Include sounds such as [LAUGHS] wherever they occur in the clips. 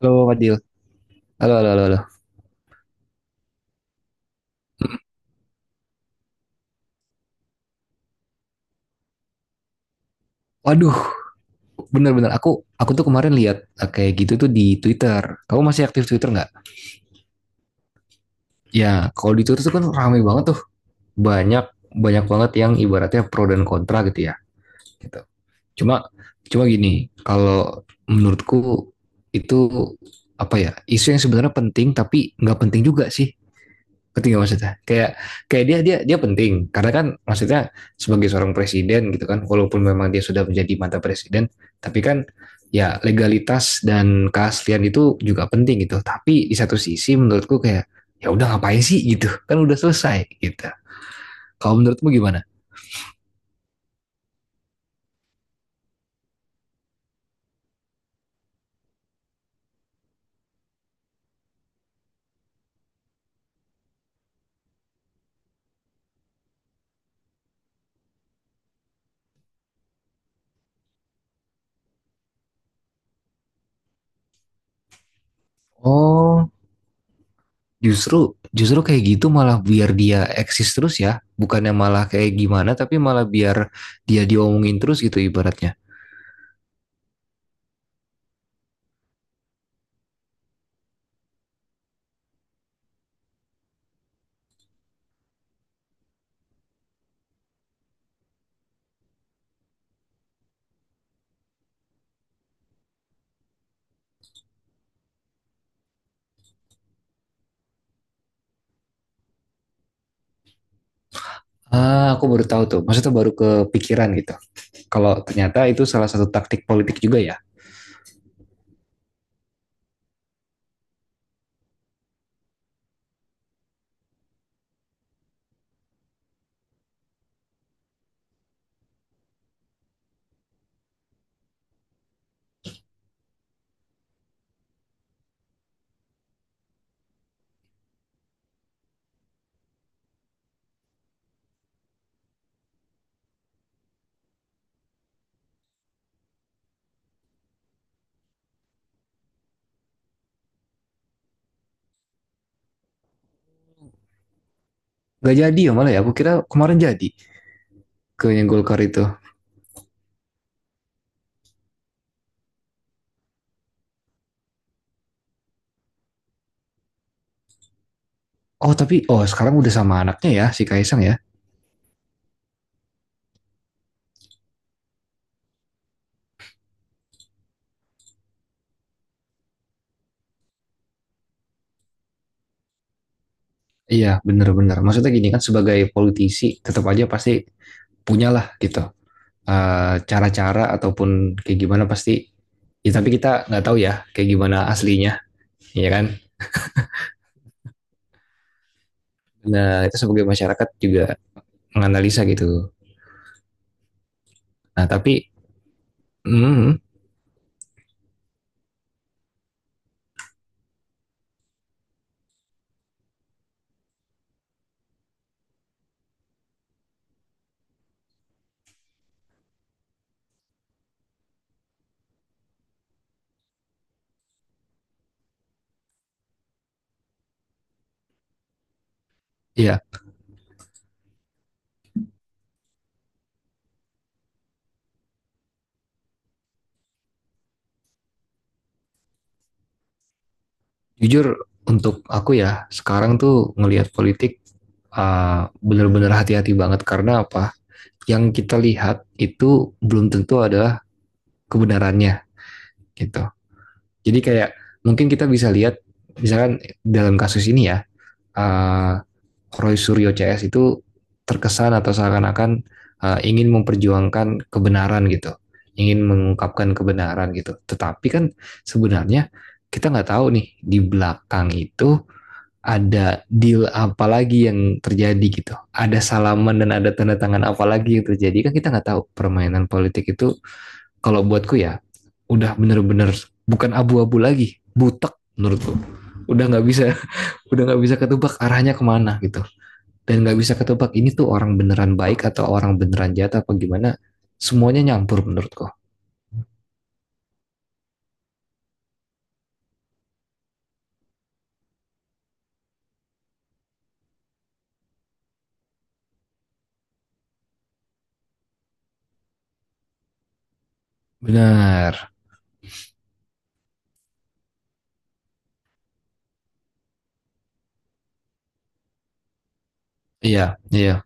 Halo Fadil. Halo, halo, halo, halo. Waduh, bener-bener aku tuh kemarin lihat kayak gitu tuh di Twitter. Kamu masih aktif Twitter nggak? Ya, kalau di Twitter tuh kan ramai banget tuh. Banyak banyak banget yang ibaratnya pro dan kontra gitu ya. Gitu. Cuma cuma gini, kalau menurutku itu apa ya? Isu yang sebenarnya penting tapi nggak penting juga sih. Penting maksudnya kayak kayak dia dia dia penting karena kan maksudnya sebagai seorang presiden gitu kan walaupun memang dia sudah menjadi mantan presiden tapi kan ya legalitas dan keaslian itu juga penting gitu tapi di satu sisi menurutku kayak ya udah ngapain sih gitu kan udah selesai gitu. Kalau menurutmu gimana? Oh, justru justru kayak gitu malah biar dia eksis terus ya, bukannya malah kayak gimana tapi malah biar dia diomongin terus gitu ibaratnya. Ah, aku baru tahu tuh, maksudnya baru kepikiran gitu. Kalau ternyata itu salah satu taktik politik juga ya. Gak jadi ya malah ya, aku kira kemarin jadi ke Golkar itu. Oh tapi, oh, sekarang udah sama anaknya ya, si Kaisang ya. Iya bener-bener, maksudnya gini kan sebagai politisi tetap aja pasti punyalah gitu. Cara-cara ataupun kayak gimana pasti. Ya, tapi kita nggak tahu ya kayak gimana aslinya, ya kan? Nah, itu sebagai masyarakat juga menganalisa gitu. Nah, tapi, hmm, ya jujur untuk aku ya sekarang tuh ngelihat politik benar-benar hati-hati banget karena apa? Yang kita lihat itu belum tentu adalah kebenarannya gitu. Jadi kayak mungkin kita bisa lihat misalkan dalam kasus ini ya, uh, Roy Suryo CS itu terkesan atau seakan-akan ingin memperjuangkan kebenaran gitu, ingin mengungkapkan kebenaran gitu. Tetapi kan sebenarnya kita nggak tahu nih di belakang itu ada deal apa lagi yang terjadi gitu. Ada salaman dan ada tanda tangan apa lagi yang terjadi. Kan kita nggak tahu permainan politik itu kalau buatku ya udah bener-bener bukan abu-abu lagi. Butek menurutku. Udah nggak bisa, [LAUGHS] udah nggak bisa ketebak arahnya kemana gitu. Dan nggak bisa ketebak ini tuh orang beneran baik atau orang beneran jahat apa gimana. Semuanya nyampur menurutku. Benar. Iya, iya.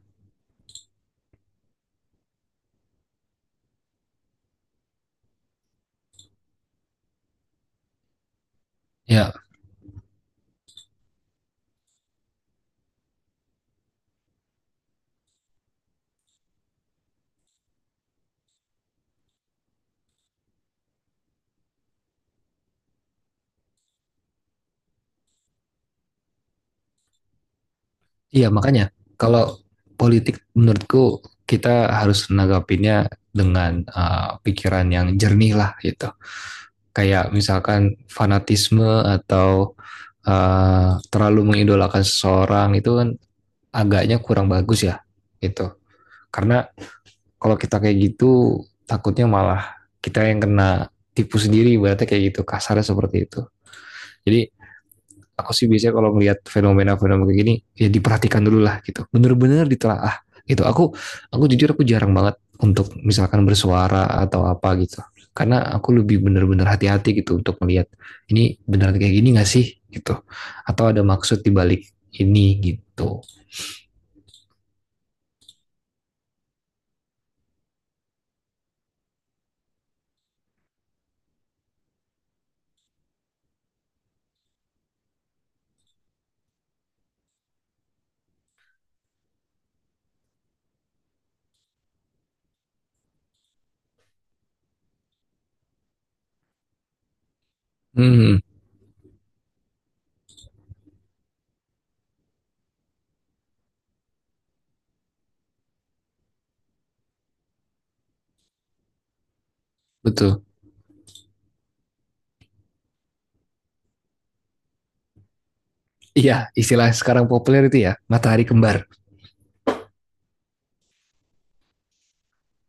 Ya, iya makanya kalau politik menurutku kita harus menanggapinya dengan pikiran yang jernih lah gitu. Kayak misalkan fanatisme atau terlalu mengidolakan seseorang itu kan agaknya kurang bagus ya gitu. Karena kalau kita kayak gitu takutnya malah kita yang kena tipu sendiri berarti, kayak gitu kasarnya seperti itu. Jadi aku sih biasanya kalau melihat fenomena-fenomena kayak gini ya diperhatikan dulu lah gitu bener-bener ditelaah gitu. Aku jujur aku jarang banget untuk misalkan bersuara atau apa gitu, karena aku lebih bener-bener hati-hati gitu untuk melihat ini beneran kayak gini gak sih gitu, atau ada maksud dibalik ini gitu. hmm Betul. Iya, istilah sekarang populer itu ya matahari kembar.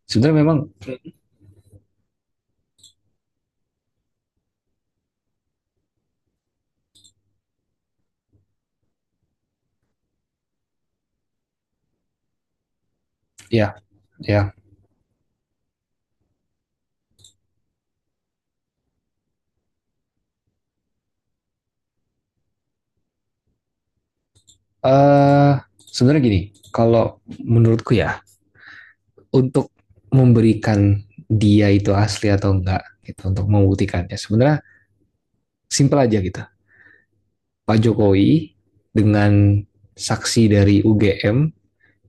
Sebenarnya memang ya. Ya, eh sebenarnya gini, kalau menurutku ya, untuk memberikan dia itu asli atau enggak gitu untuk membuktikannya. Sebenarnya simpel aja gitu. Pak Jokowi dengan saksi dari UGM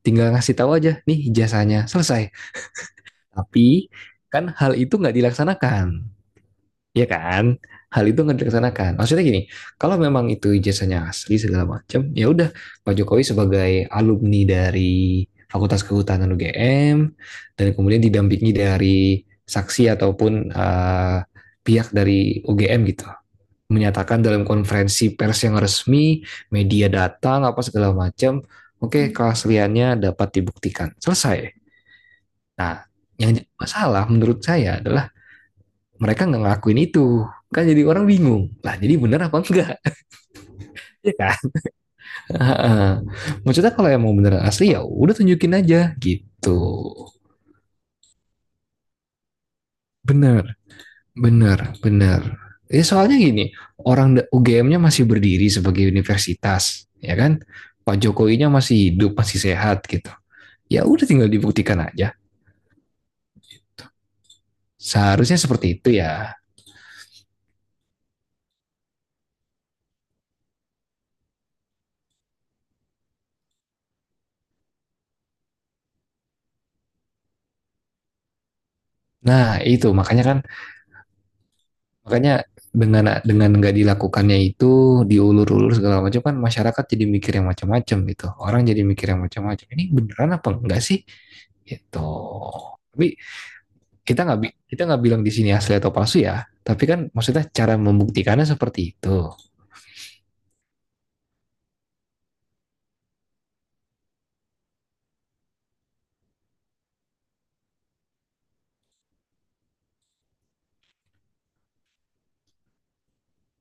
tinggal ngasih tahu aja nih ijazahnya selesai. Tapi kan hal itu nggak dilaksanakan. Iya kan? Hal itu nggak dilaksanakan. Maksudnya gini, kalau memang itu ijazahnya asli segala macam, ya udah Pak Jokowi sebagai alumni dari Fakultas Kehutanan UGM dan kemudian didampingi dari saksi ataupun pihak dari UGM gitu menyatakan dalam konferensi pers yang resmi, media datang apa segala macam, oke keasliannya dapat dibuktikan. Selesai. Nah, yang jadi masalah menurut saya adalah mereka nggak ngakuin itu, kan jadi orang bingung lah jadi bener apa enggak, ya kan? [LAUGHS] Maksudnya kalau yang mau bener asli ya udah tunjukin aja gitu. Bener bener bener. Ya soalnya gini, orang UGM-nya masih berdiri sebagai universitas ya kan, Pak Jokowinya masih hidup masih sehat gitu, ya udah tinggal dibuktikan aja, seharusnya seperti itu ya. Nah itu makanya kan. Makanya dengan nggak dilakukannya itu, diulur-ulur segala macam kan masyarakat jadi mikir yang macam-macam gitu. Orang jadi mikir yang macam-macam. Ini beneran apa enggak sih? Gitu. Tapi kita nggak kita nggak bilang di sini asli atau palsu ya. Tapi kan maksudnya cara membuktikannya seperti itu.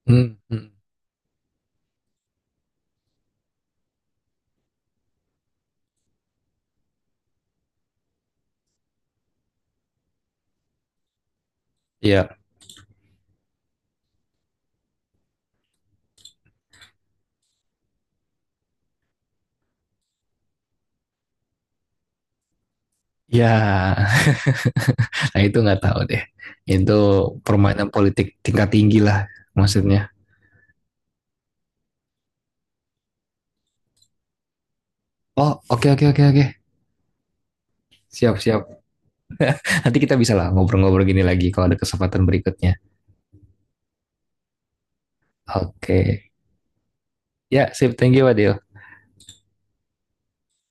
Hmm. Hmm. Ya, ya. [LAUGHS] Nah itu nggak tahu deh. Itu permainan politik tingkat tinggi lah maksudnya. Oh, oke oke oke oke. Siap siap. Nanti kita bisa lah ngobrol-ngobrol gini lagi kalau ada kesempatan berikutnya. Oke. Ya, sip. Thank you, Adil.